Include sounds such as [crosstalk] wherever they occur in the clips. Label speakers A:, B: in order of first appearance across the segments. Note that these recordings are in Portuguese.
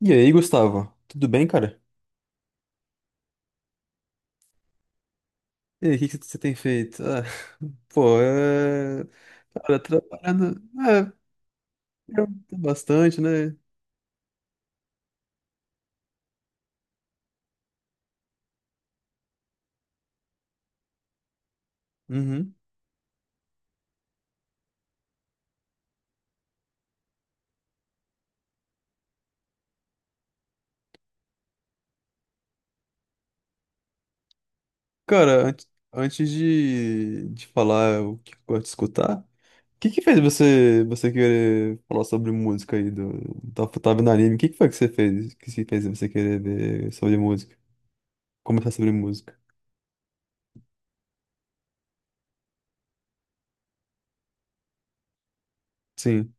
A: E aí, Gustavo? Tudo bem, cara? E aí, o que que você tem feito? Ah, [laughs] pô, é. Cara, trabalhando. É, eu- bastante, né? Uhum. Cara, antes de falar o que eu gosto de escutar, o que que fez você querer falar sobre música aí? Tava no anime, o que que foi que você fez? Que se fez você querer ver sobre música? Começar sobre música? Sim.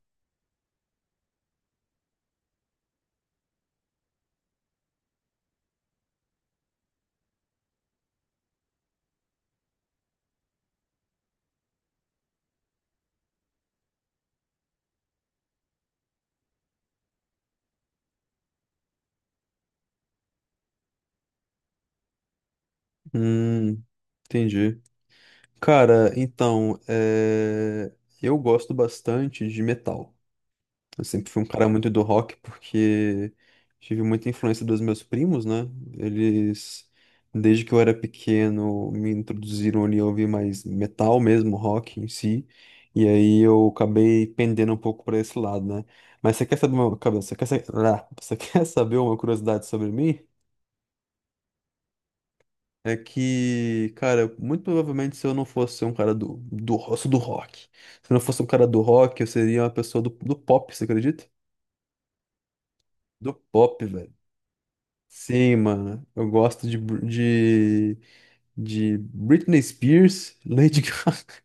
A: Hum, entendi. Cara, então, eu gosto bastante de metal. Eu sempre fui um cara muito do rock porque tive muita influência dos meus primos, né? Eles, desde que eu era pequeno, me introduziram ali a ouvir mais metal mesmo, rock em si. E aí eu acabei pendendo um pouco para esse lado, né? Mas você quer saber uma... cabe- ah, você [laughs] quer saber uma curiosidade sobre mim? É que, cara, muito provavelmente se eu não fosse um cara eu sou do rock. Se eu não fosse um cara do rock, eu seria uma pessoa do pop, você acredita? Do pop, velho. Sim, mano. Eu gosto de Britney Spears, Lady Gaga. [laughs]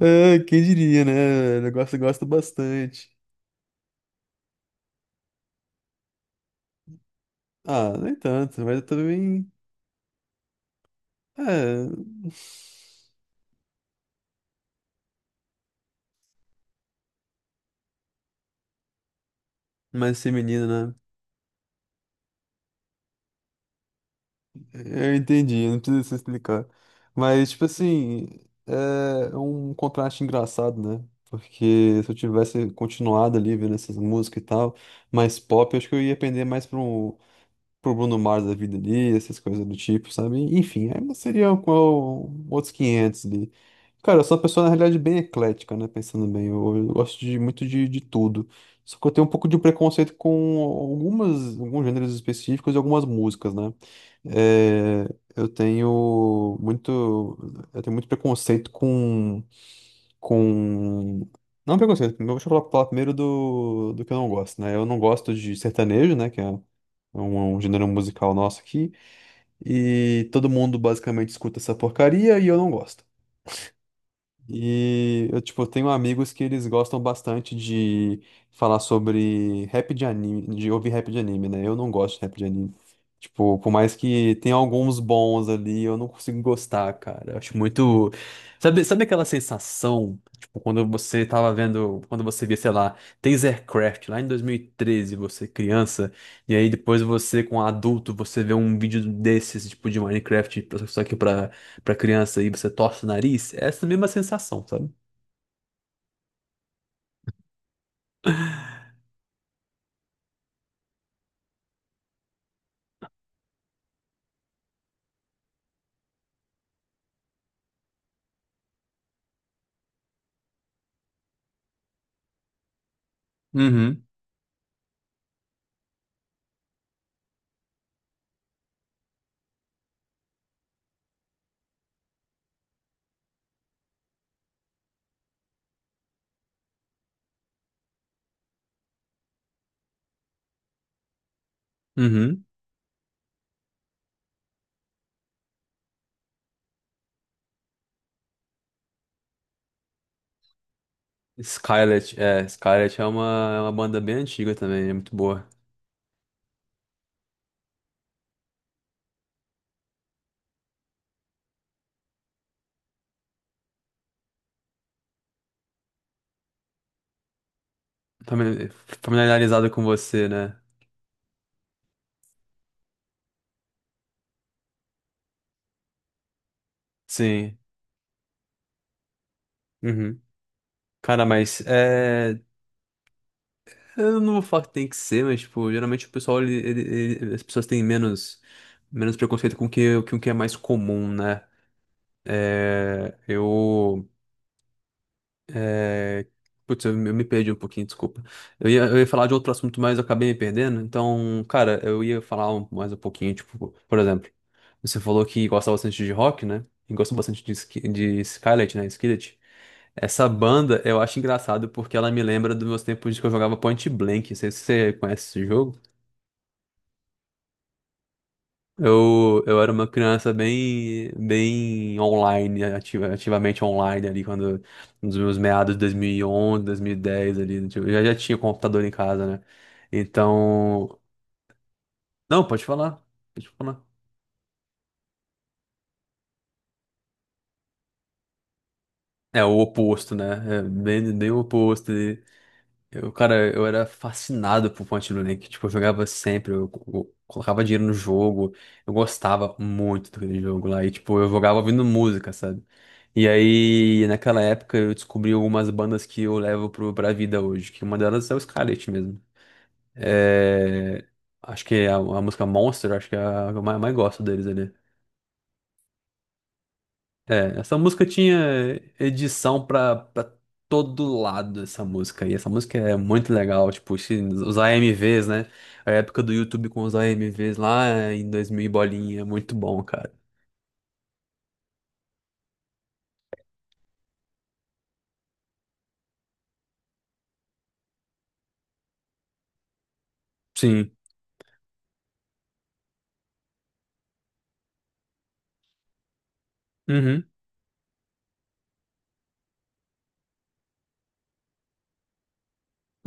A: Ah, quem diria, né? Eu gosto bastante. Ah, nem tanto, mas eu também. É. Mais feminino, né? Eu entendi, não precisa se explicar. Mas, tipo assim, é um contraste engraçado, né? Porque se eu tivesse continuado ali vendo essas músicas e tal, mais pop, eu acho que eu ia pender mais pro Bruno Mars da vida ali, essas coisas do tipo, sabe? Enfim, aí seria qual, outros 500 ali. Cara, eu sou uma pessoa, na realidade, bem eclética, né? Pensando bem, eu gosto de muito de tudo. Só que eu tenho um pouco de preconceito com algumas, alguns gêneros específicos e algumas músicas, né? É, eu tenho muito, eu tenho muito preconceito com, não preconceito, deixa eu falar primeiro do que eu não gosto, né? Eu não gosto de sertanejo, né? Que é um gênero musical nosso aqui, e todo mundo basicamente escuta essa porcaria e eu não gosto. E eu, tipo, tenho amigos que eles gostam bastante de falar sobre rap de anime, de ouvir rap de anime, né? Eu não gosto de rap de anime. Tipo, por mais que tenha alguns bons ali, eu não consigo gostar, cara. Eu acho muito. Sabe aquela sensação, tipo, quando você via, sei lá, Tasercraft lá em 2013, você criança, e aí depois você, com adulto, você vê um vídeo desses, tipo, de Minecraft, só que pra criança e você torce o nariz, é essa mesma sensação, sabe? Uhum. Uhum. Scarlett é uma banda bem antiga também, é muito boa. Famili- Familiarizada com você, né? Sim. Uhum. Cara, mas é. Eu não vou falar que tem que ser, mas, tipo, geralmente o pessoal, as pessoas têm menos preconceito com o que é mais comum, né? É, eu. Putz, eu me perdi um pouquinho, desculpa. Eu ia falar de outro assunto, mas eu acabei me perdendo. Então, cara, eu ia falar mais um pouquinho, tipo, por exemplo, você falou que gosta bastante de rock, né? E gosta bastante de Skillet, né? Skillet. Essa banda eu acho engraçado porque ela me lembra dos meus tempos de que eu jogava Point Blank. Não sei se você conhece esse jogo. Eu era uma criança bem, bem online, ativamente online ali, quando, nos meus meados de 2011, 2010 ali, tipo, eu já tinha computador em casa, né? Então, não, pode falar, pode falar. É o oposto, né? É bem, bem o oposto. Eu, cara, eu era fascinado por Point and Click. Tipo, eu jogava sempre, eu, colocava dinheiro no jogo. Eu gostava muito daquele jogo lá. E, tipo, eu jogava ouvindo música, sabe? E aí, naquela época, eu descobri algumas bandas que eu levo pra vida hoje. Que uma delas é o Scarlett mesmo. É, acho que é a música Monster, acho que é a que eu mais gosto deles ali. É, essa música tinha edição pra todo lado, essa música. E essa música é muito legal, tipo, os AMVs, né? A época do YouTube com os AMVs lá em 2000 e bolinha, é muito bom, cara. Sim.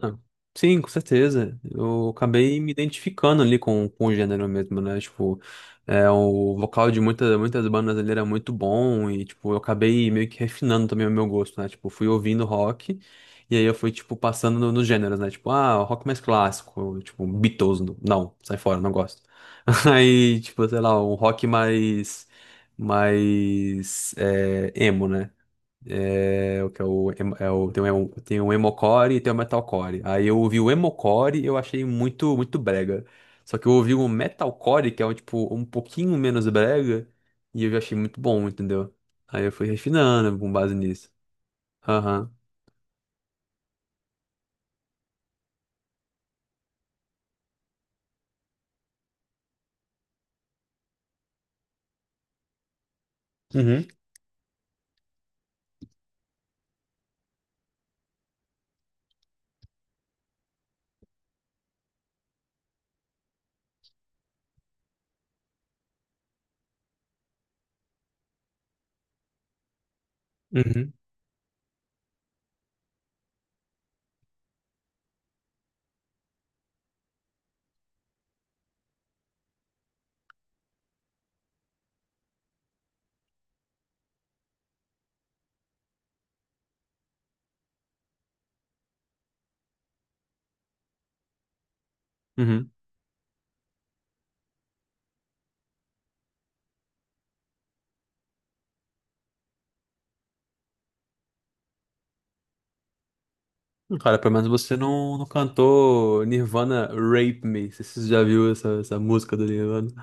A: Ah, sim, com certeza. Eu acabei me identificando ali com o gênero mesmo, né? Tipo, o vocal de muitas, muitas bandas ali era muito bom e, tipo, eu acabei meio que refinando também o meu gosto, né? Tipo, fui ouvindo rock e aí eu fui, tipo, passando nos gêneros, né? Tipo, ah, rock mais clássico, tipo, Beatles, não, sai fora, não gosto. [laughs] Aí, tipo, sei lá, um rock emo, né? É, o que é o, é o, tem um emocore e tem um metalcore. Aí eu ouvi o emocore e eu achei muito, muito brega. Só que eu ouvi o metalcore, que é um, tipo, um pouquinho menos brega, e eu já achei muito bom, entendeu? Aí eu fui refinando com base nisso. Aham. Uhum. Uhum. Uhum. Cara, pelo menos você não cantou Nirvana Rape Me. Você já viu essa música do Nirvana?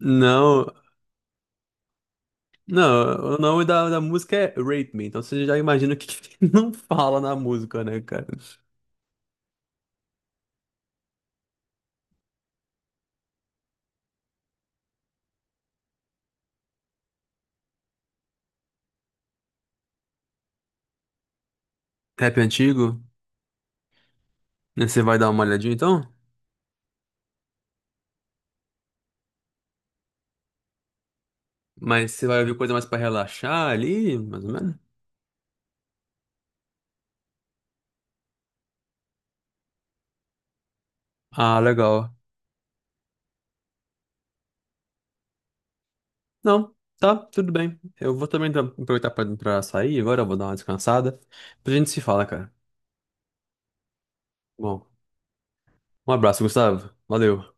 A: Não. Não, o nome da música é Rape Me, então você já imagina o que [laughs] não fala na música, né, cara? Rap antigo, né? Você vai dar uma olhadinha então? Mas você vai ouvir coisa mais pra relaxar ali, mais ou menos? Ah, legal. Não, tá, tudo bem. Eu vou também aproveitar pra sair agora, eu vou dar uma descansada. Pra gente se fala, cara. Bom, um abraço, Gustavo. Valeu.